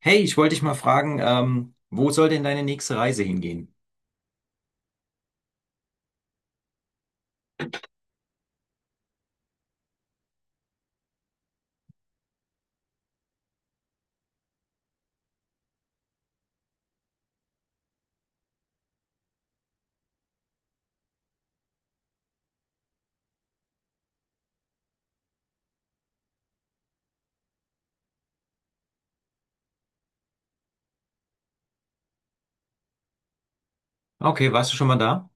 Hey, ich wollte dich mal fragen, wo soll denn deine nächste Reise hingehen? Okay, warst du schon mal da?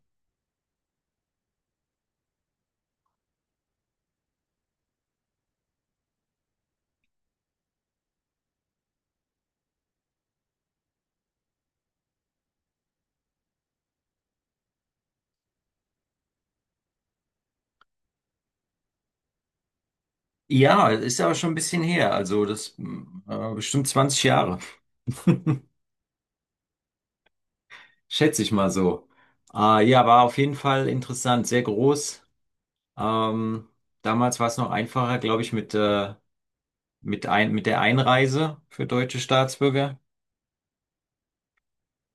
Ja, ist aber schon ein bisschen her, also bestimmt 20 Jahre. Schätze ich mal so. Ja, war auf jeden Fall interessant, sehr groß. Ähm, Damals war es noch einfacher, glaube ich, mit der Einreise für deutsche Staatsbürger.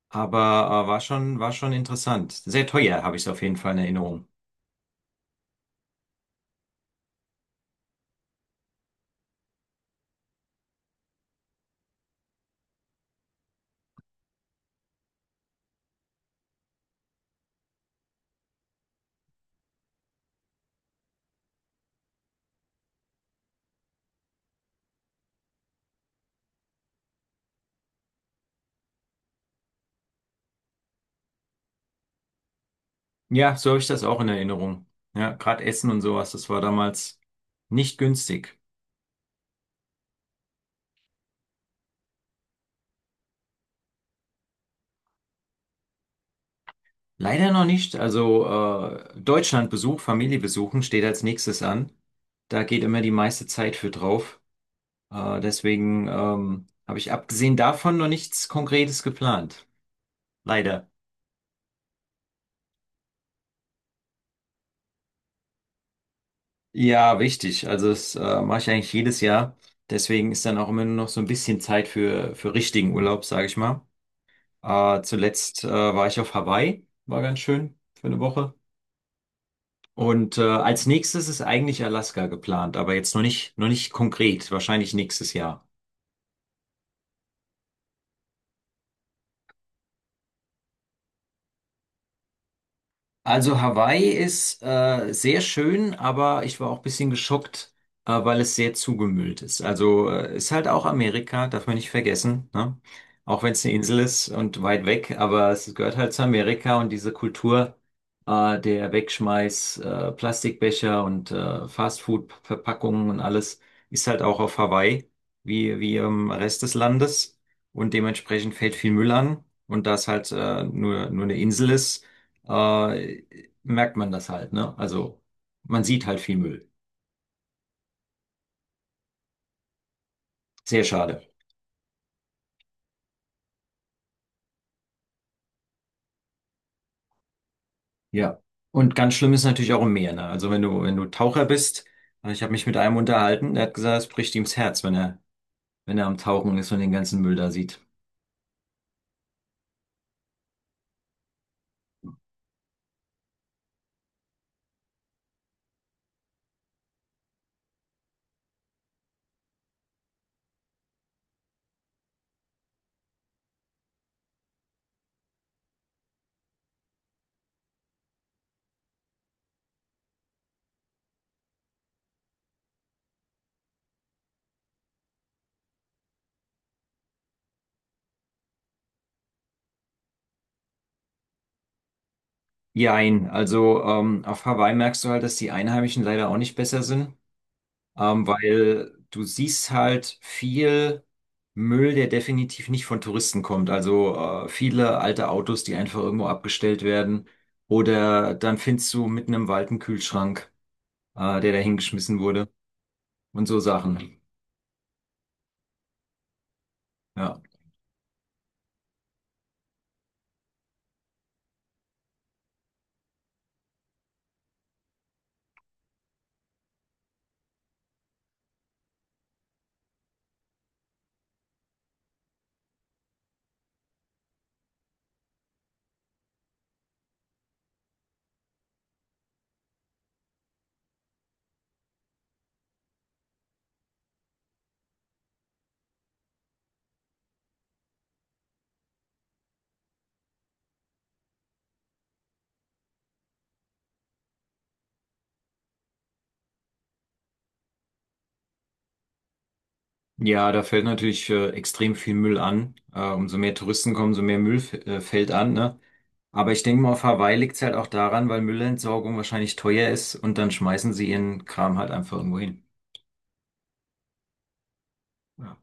Aber war schon interessant. Sehr teuer, habe ich es auf jeden Fall in Erinnerung. Ja, so habe ich das auch in Erinnerung. Ja, gerade Essen und sowas, das war damals nicht günstig. Leider noch nicht. Also Deutschlandbesuch, Familie besuchen steht als nächstes an. Da geht immer die meiste Zeit für drauf. Deswegen habe ich abgesehen davon noch nichts Konkretes geplant. Leider. Ja, wichtig. Also das mache ich eigentlich jedes Jahr. Deswegen ist dann auch immer nur noch so ein bisschen Zeit für richtigen Urlaub, sage ich mal. Zuletzt war ich auf Hawaii. War ganz schön für eine Woche. Und als nächstes ist eigentlich Alaska geplant, aber jetzt noch nicht konkret, wahrscheinlich nächstes Jahr. Also Hawaii ist sehr schön, aber ich war auch ein bisschen geschockt, weil es sehr zugemüllt ist. Also ist halt auch Amerika, darf man nicht vergessen, ne? Auch wenn es eine Insel ist und weit weg, aber es gehört halt zu Amerika und diese Kultur der Wegschmeiß, Plastikbecher und Fastfood-Verpackungen und alles ist halt auch auf Hawaii, wie im Rest des Landes. Und dementsprechend fällt viel Müll an. Und da es halt nur eine Insel ist, äh, merkt man das halt, ne? Also man sieht halt viel Müll. Sehr schade. Ja. Und ganz schlimm ist natürlich auch im Meer, ne? Also wenn du Taucher bist, ich habe mich mit einem unterhalten, der hat gesagt, es bricht ihm das Herz, wenn er am Tauchen ist und den ganzen Müll da sieht. Jein, also auf Hawaii merkst du halt, dass die Einheimischen leider auch nicht besser sind. Weil du siehst halt viel Müll, der definitiv nicht von Touristen kommt. Also viele alte Autos, die einfach irgendwo abgestellt werden. Oder dann findest du mitten im Wald einen Kühlschrank, der da hingeschmissen wurde und so Sachen. Ja. Ja, da fällt natürlich extrem viel Müll an. Umso mehr Touristen kommen, umso mehr Müll fällt an, ne? Aber ich denke mal, auf Hawaii liegt es halt auch daran, weil Müllentsorgung wahrscheinlich teuer ist und dann schmeißen sie ihren Kram halt einfach irgendwo hin. Ja.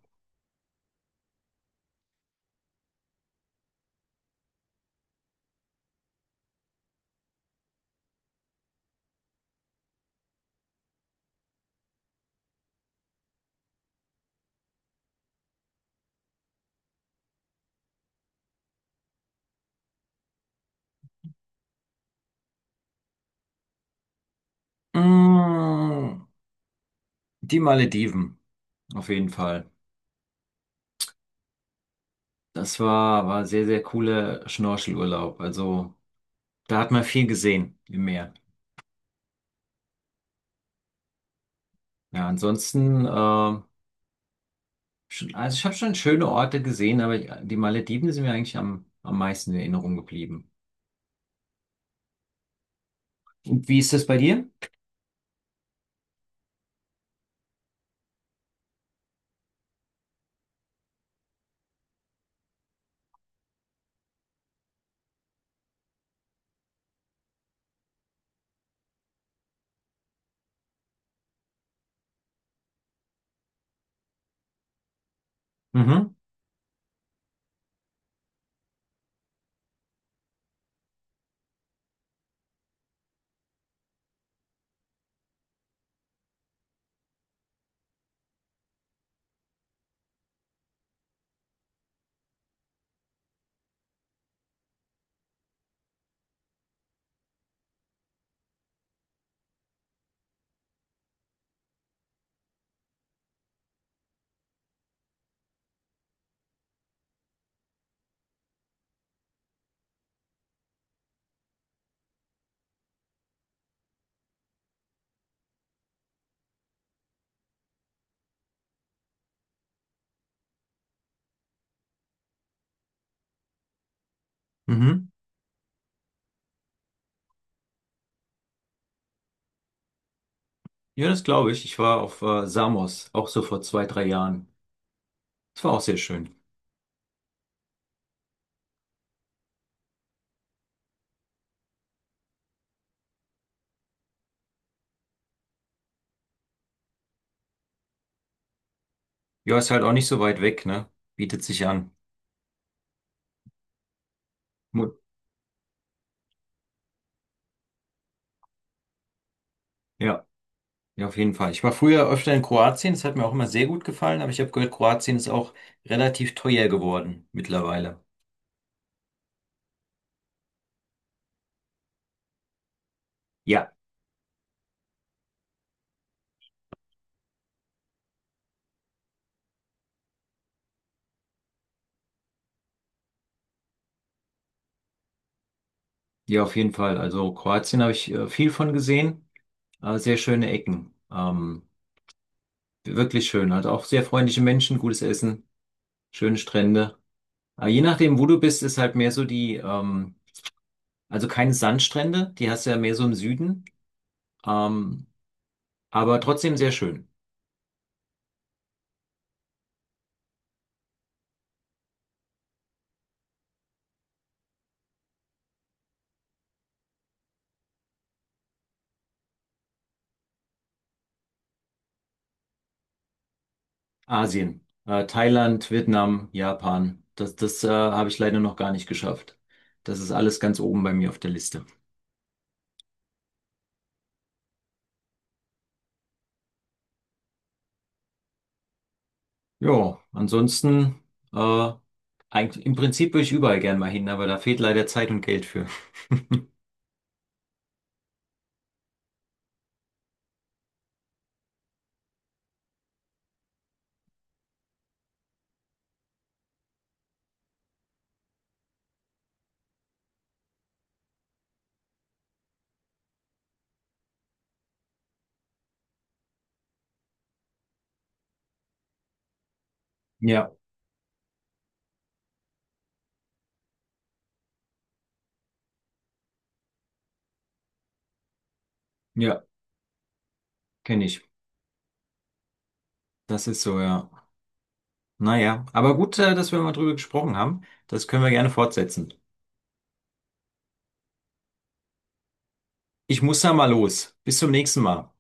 Mm, Die Malediven, auf jeden Fall. Das war sehr, sehr cooler Schnorchelurlaub. Also da hat man viel gesehen im Meer. Ja, schon, also ich habe schon schöne Orte gesehen, aber die Malediven sind mir eigentlich am meisten in Erinnerung geblieben. Und wie ist das bei dir? Mhm, mhm. Ja, das glaube ich. Ich war auf Samos, auch so vor zwei, drei Jahren. Das war auch sehr schön. Ja, ist halt auch nicht so weit weg, ne? Bietet sich an. Mu- Ja. Ja, auf jeden Fall. Ich war früher öfter in Kroatien, das hat mir auch immer sehr gut gefallen, aber ich habe gehört, Kroatien ist auch relativ teuer geworden mittlerweile. Ja. Ja, auf jeden Fall. Also Kroatien habe ich viel von gesehen, sehr schöne Ecken. Wirklich schön, hat auch sehr freundliche Menschen, gutes Essen, schöne Strände. Je nachdem, wo du bist, ist halt mehr so also keine Sandstrände, die hast du ja mehr so im Süden, ähm, aber trotzdem sehr schön. Asien, Thailand, Vietnam, Japan. Das habe ich leider noch gar nicht geschafft. Das ist alles ganz oben bei mir auf der Liste. Ja, äh, im Prinzip würde ich überall gern mal hin, aber da fehlt leider Zeit und Geld für. Ja, ja, kenne ich. Das ist so, ja. Naja, aber gut, dass wir mal drüber gesprochen haben. Das können wir gerne fortsetzen. Ich muss da mal los. Bis zum nächsten Mal.